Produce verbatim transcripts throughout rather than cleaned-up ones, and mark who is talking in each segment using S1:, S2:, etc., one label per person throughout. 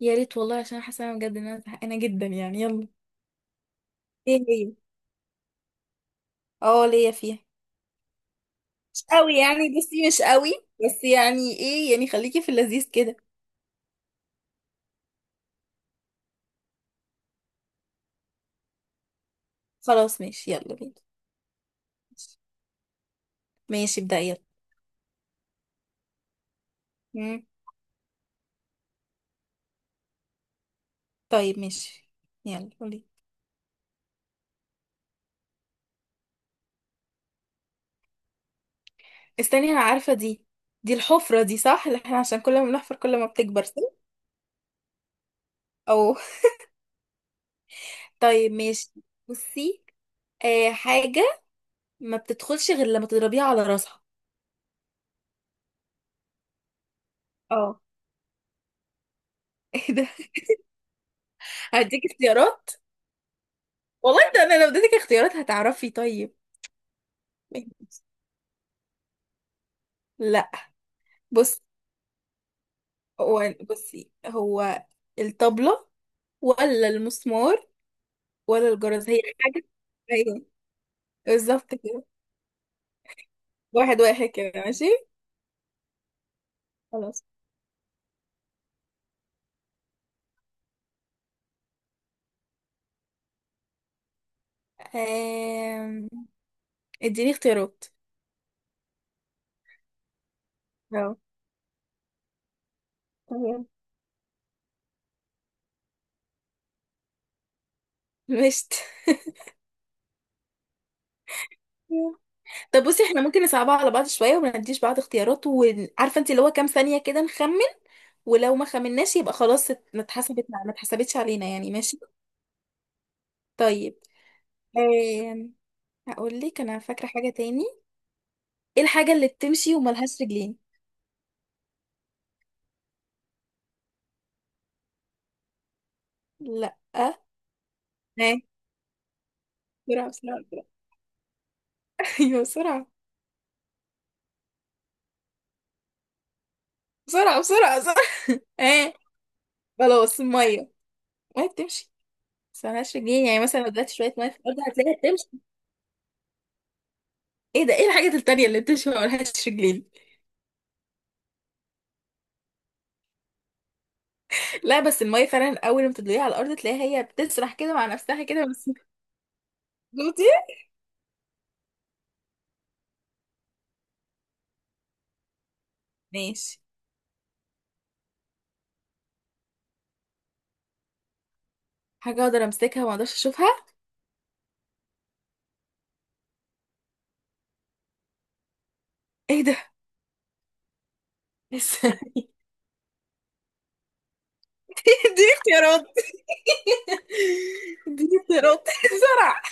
S1: يا ريت والله، عشان حاسه انا بجد ان انا زهقانه جدا يعني. يلا. ايه هي؟ اه، ليا فيها. مش قوي يعني، بصي، مش قوي. بس يعني ايه، يعني خليكي في اللذيذ كده. خلاص، ماشي، يلا بينا. ماشي، ابدأ، يلا. مم. طيب، ماشي. يلا قولي. استني، انا عارفه دي. دي الحفره دي، صح؟ اللي احنا عشان كل ما بنحفر كل ما بتكبر، صح؟ او. طيب، ماشي. بصي. آه حاجه ما بتدخلش غير لما تضربيها على راسها. اه. ايه ده؟ هديك اختيارات. والله انت انا لو اديتك اختيارات هتعرفي. طيب، لا. بص، هو، بصي، هو الطبلة ولا المسمار ولا الجرس؟ هي حاجة. ايوه، بالظبط كده. واحد واحد كده، ماشي. خلاص. آم... اديني اختيارات. اه. تمام. مشت. طب بصي، احنا ممكن نصعبها على بعض شوية وما نديش بعض اختيارات، وعارفة انت اللي هو كام ثانية كده نخمن. ولو ما خمناش يبقى خلاص، ات- ما اتحسبت ما اتحسبتش علينا، يعني، ماشي. طيب. آم... هقول لك، انا فاكره حاجه تاني. ايه الحاجه اللي بتمشي وملهاش رجلين؟ لا، ها. بسرعه بسرعه بسرعه. ايوه، بسرعه بسرعه بسرعه بسرعه. ها. خلاص، الميه. الميه بتمشي بس ملهاش رجلين. يعني مثلا لو دلوقتي شويه ميه في الارض، هتلاقيها بتمشي. ايه ده؟ ايه الحاجه التانيه اللي بتمشي وملهاش رجلين؟ لا، بس الميه فعلا اول ما تدلقيها على الارض تلاقيها هي بتسرح كده مع نفسها كده بس. دوتي. ماشي. حاجه اقدر امسكها وما اقدرش اشوفها. ايه ده؟ لسه. اديني اختيارات. اديني اختيارات. بسرعه.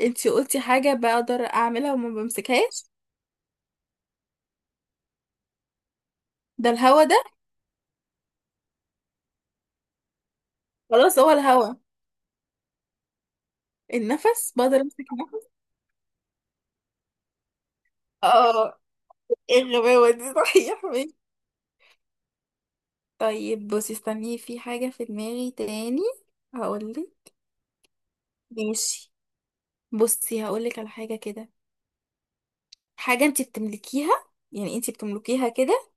S1: انتي قلتي حاجة بقدر اعملها وما بمسكهاش؟ ده الهوا ده. خلاص، هو الهوا. النفس؟ بقدر امسك النفس. اه. ايه الغباوة دي؟ صحيح ماشي. طيب بصي، استني، في حاجة في دماغي تاني. هقولك. ماشي. بصي، هقولك على حاجة كده. حاجة انتي بتملكيها. يعني انتي بتملكيها كده،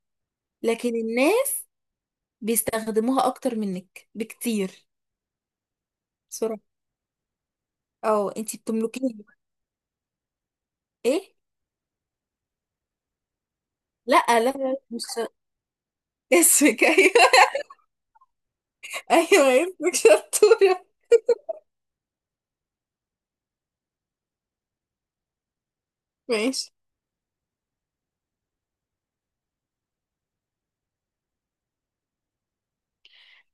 S1: لكن الناس بيستخدموها اكتر منك بكتير. بسرعة. اه، انتي بتملكيها. ايه. لا لا لا، مش اسمك؟ ايوه. ايوه، اسمك، شطورة. ماشي.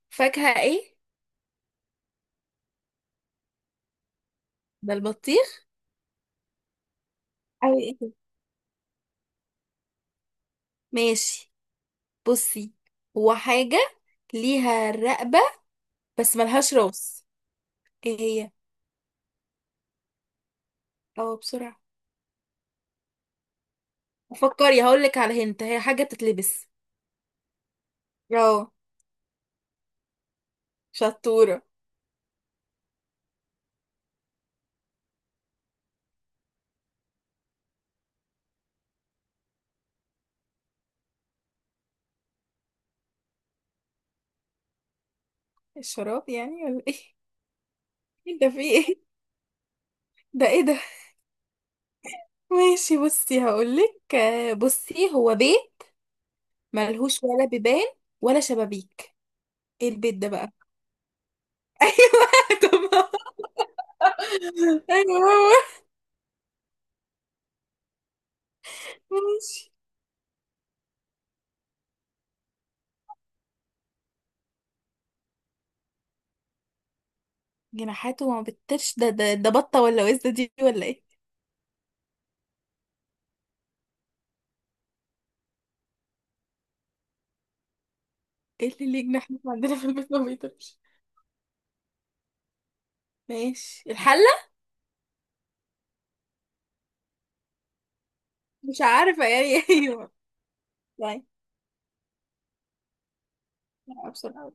S1: فاكهة ايه؟ ده البطيخ. أوي، إيه ده؟ ماشي. بصي. هو حاجة ليها رقبة بس ملهاش راس. ايه هي؟ اه، بسرعة. فكري، هقولك على هنت، هي حاجة بتتلبس. اه، شطورة. الشراب يعني، ولا ايه؟ انت في ايه؟ ده ايه ده؟ ماشي بصي، هقولك، آه، بصي، هو بيت ملهوش ولا بيبان ولا شبابيك. ايه البيت ده بقى؟ ايوه. طب، ايوه هو. ماشي. جناحاته ما بتطيرش، ده ده ده بطة ولا وزة دي ولا ايه؟ ايه اللي ليه جناح احنا عندنا في البيت ما بيطيرش؟ ماشي، الحلة. مش عارفة يعني. ايوه. يعني، لا، بسرعة،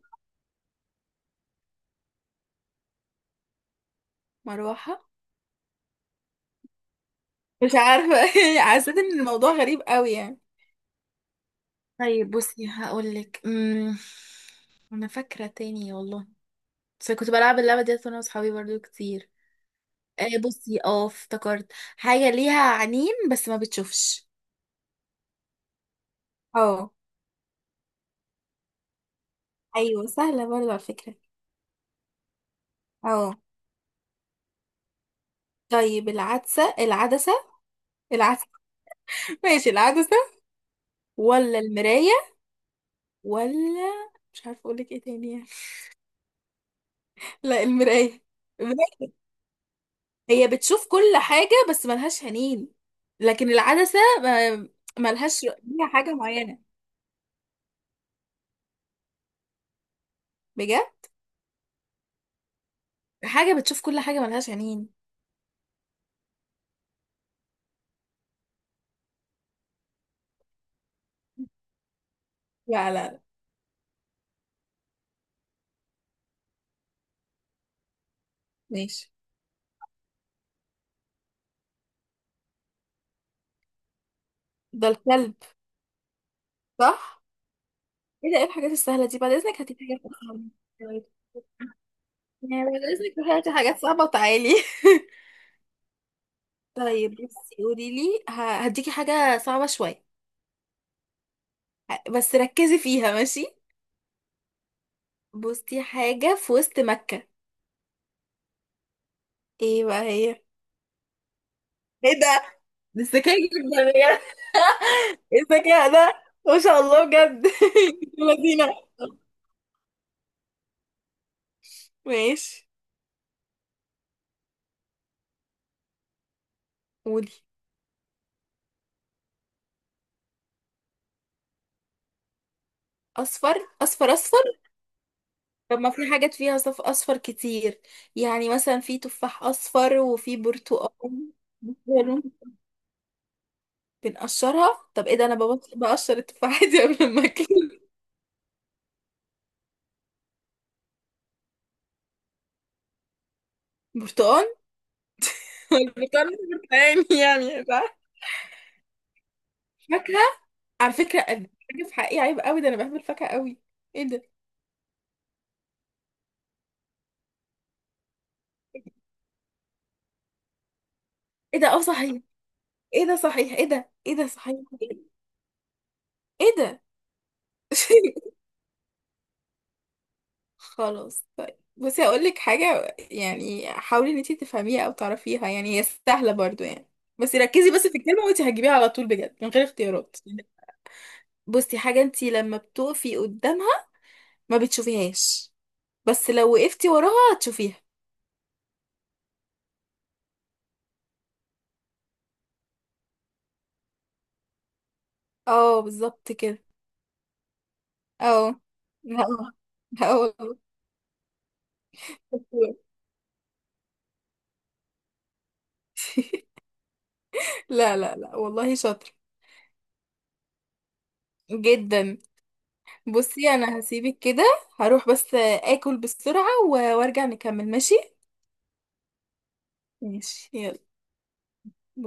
S1: مروحة. مش عارفة. حسيت ان الموضوع غريب قوي يعني. طيب بصي، هقولك، امم انا فاكره تاني والله. بس كنت بلعب اللعبه ديت انا واصحابي برضو كتير. آه بصي، اه افتكرت حاجه ليها عينين بس ما بتشوفش. اه. ايوه، سهلة برضه على فكرة. اه، طيب، العدسة العدسة. العدسة. ماشي، العدسة ولا المراية، ولا مش عارفة اقولك ايه تاني يعني. لا، المراية. المراية هي بتشوف كل حاجة بس ملهاش عينين، لكن العدسة ما- ملهاش. ليها حاجة معينة؟ بجد؟ حاجة بتشوف كل حاجة ملهاش عينين. لا لا لا. ماشي. ده الكلب. صح. ايه ده؟ ايه الحاجات السهلة دي؟ بعد اذنك، هاتي حاجات اصعب. طيب. يعني بعد اذنك هاتي حاجات صعبة وتعالي. طيب بصي، قولي لي، ه- هديكي حاجة صعبة شوية. ه- بس ركزي فيها، ماشي. بصي، حاجة في وسط مكة. ايه بقى هي؟ ايه؟ ده. ده الذكاء جدا بجد. ايه الذكاء ده، ما شاء الله، بجد. مدينة. ماشي، قولي. اصفر اصفر اصفر. طب ما في حاجات فيها صف اصفر كتير. يعني مثلا في تفاح اصفر وفي برتقال. بنقشرها؟ طب ايه ده؟ انا ببط- بقشر التفاحة دي قبل ما اكل. برتقال. البرتقال مش برتقاني يعني، صح؟ فاكهه. على فكره، قد حاجه في حقي عيب قوي، ده انا بحب الفاكهه قوي. ايه ده؟ ايه ده؟ اه، صحيح. ايه ده؟ صحيح. ايه ده؟ ايه ده؟ صحيح. ايه ده؟ خلاص، طيب بصي، هقول لك حاجه، يعني حاولي ان انتي تفهميها او تعرفيها، يعني هي سهله برضو يعني. بس ركزي بس في الكلمه، وانتي هتجيبيها على طول بجد من غير اختيارات. بصي، حاجه انتي لما بتقفي قدامها ما بتشوفيهاش، بس لو وقفتي وراها هتشوفيها. اه، بالظبط كده. اه. لا لا والله. شطور. لا لا لا والله. شاطر جدا. بصي، انا هسيبك كده. هروح بس اكل بسرعة و- وارجع نكمل، ماشي. ماشي، يلا.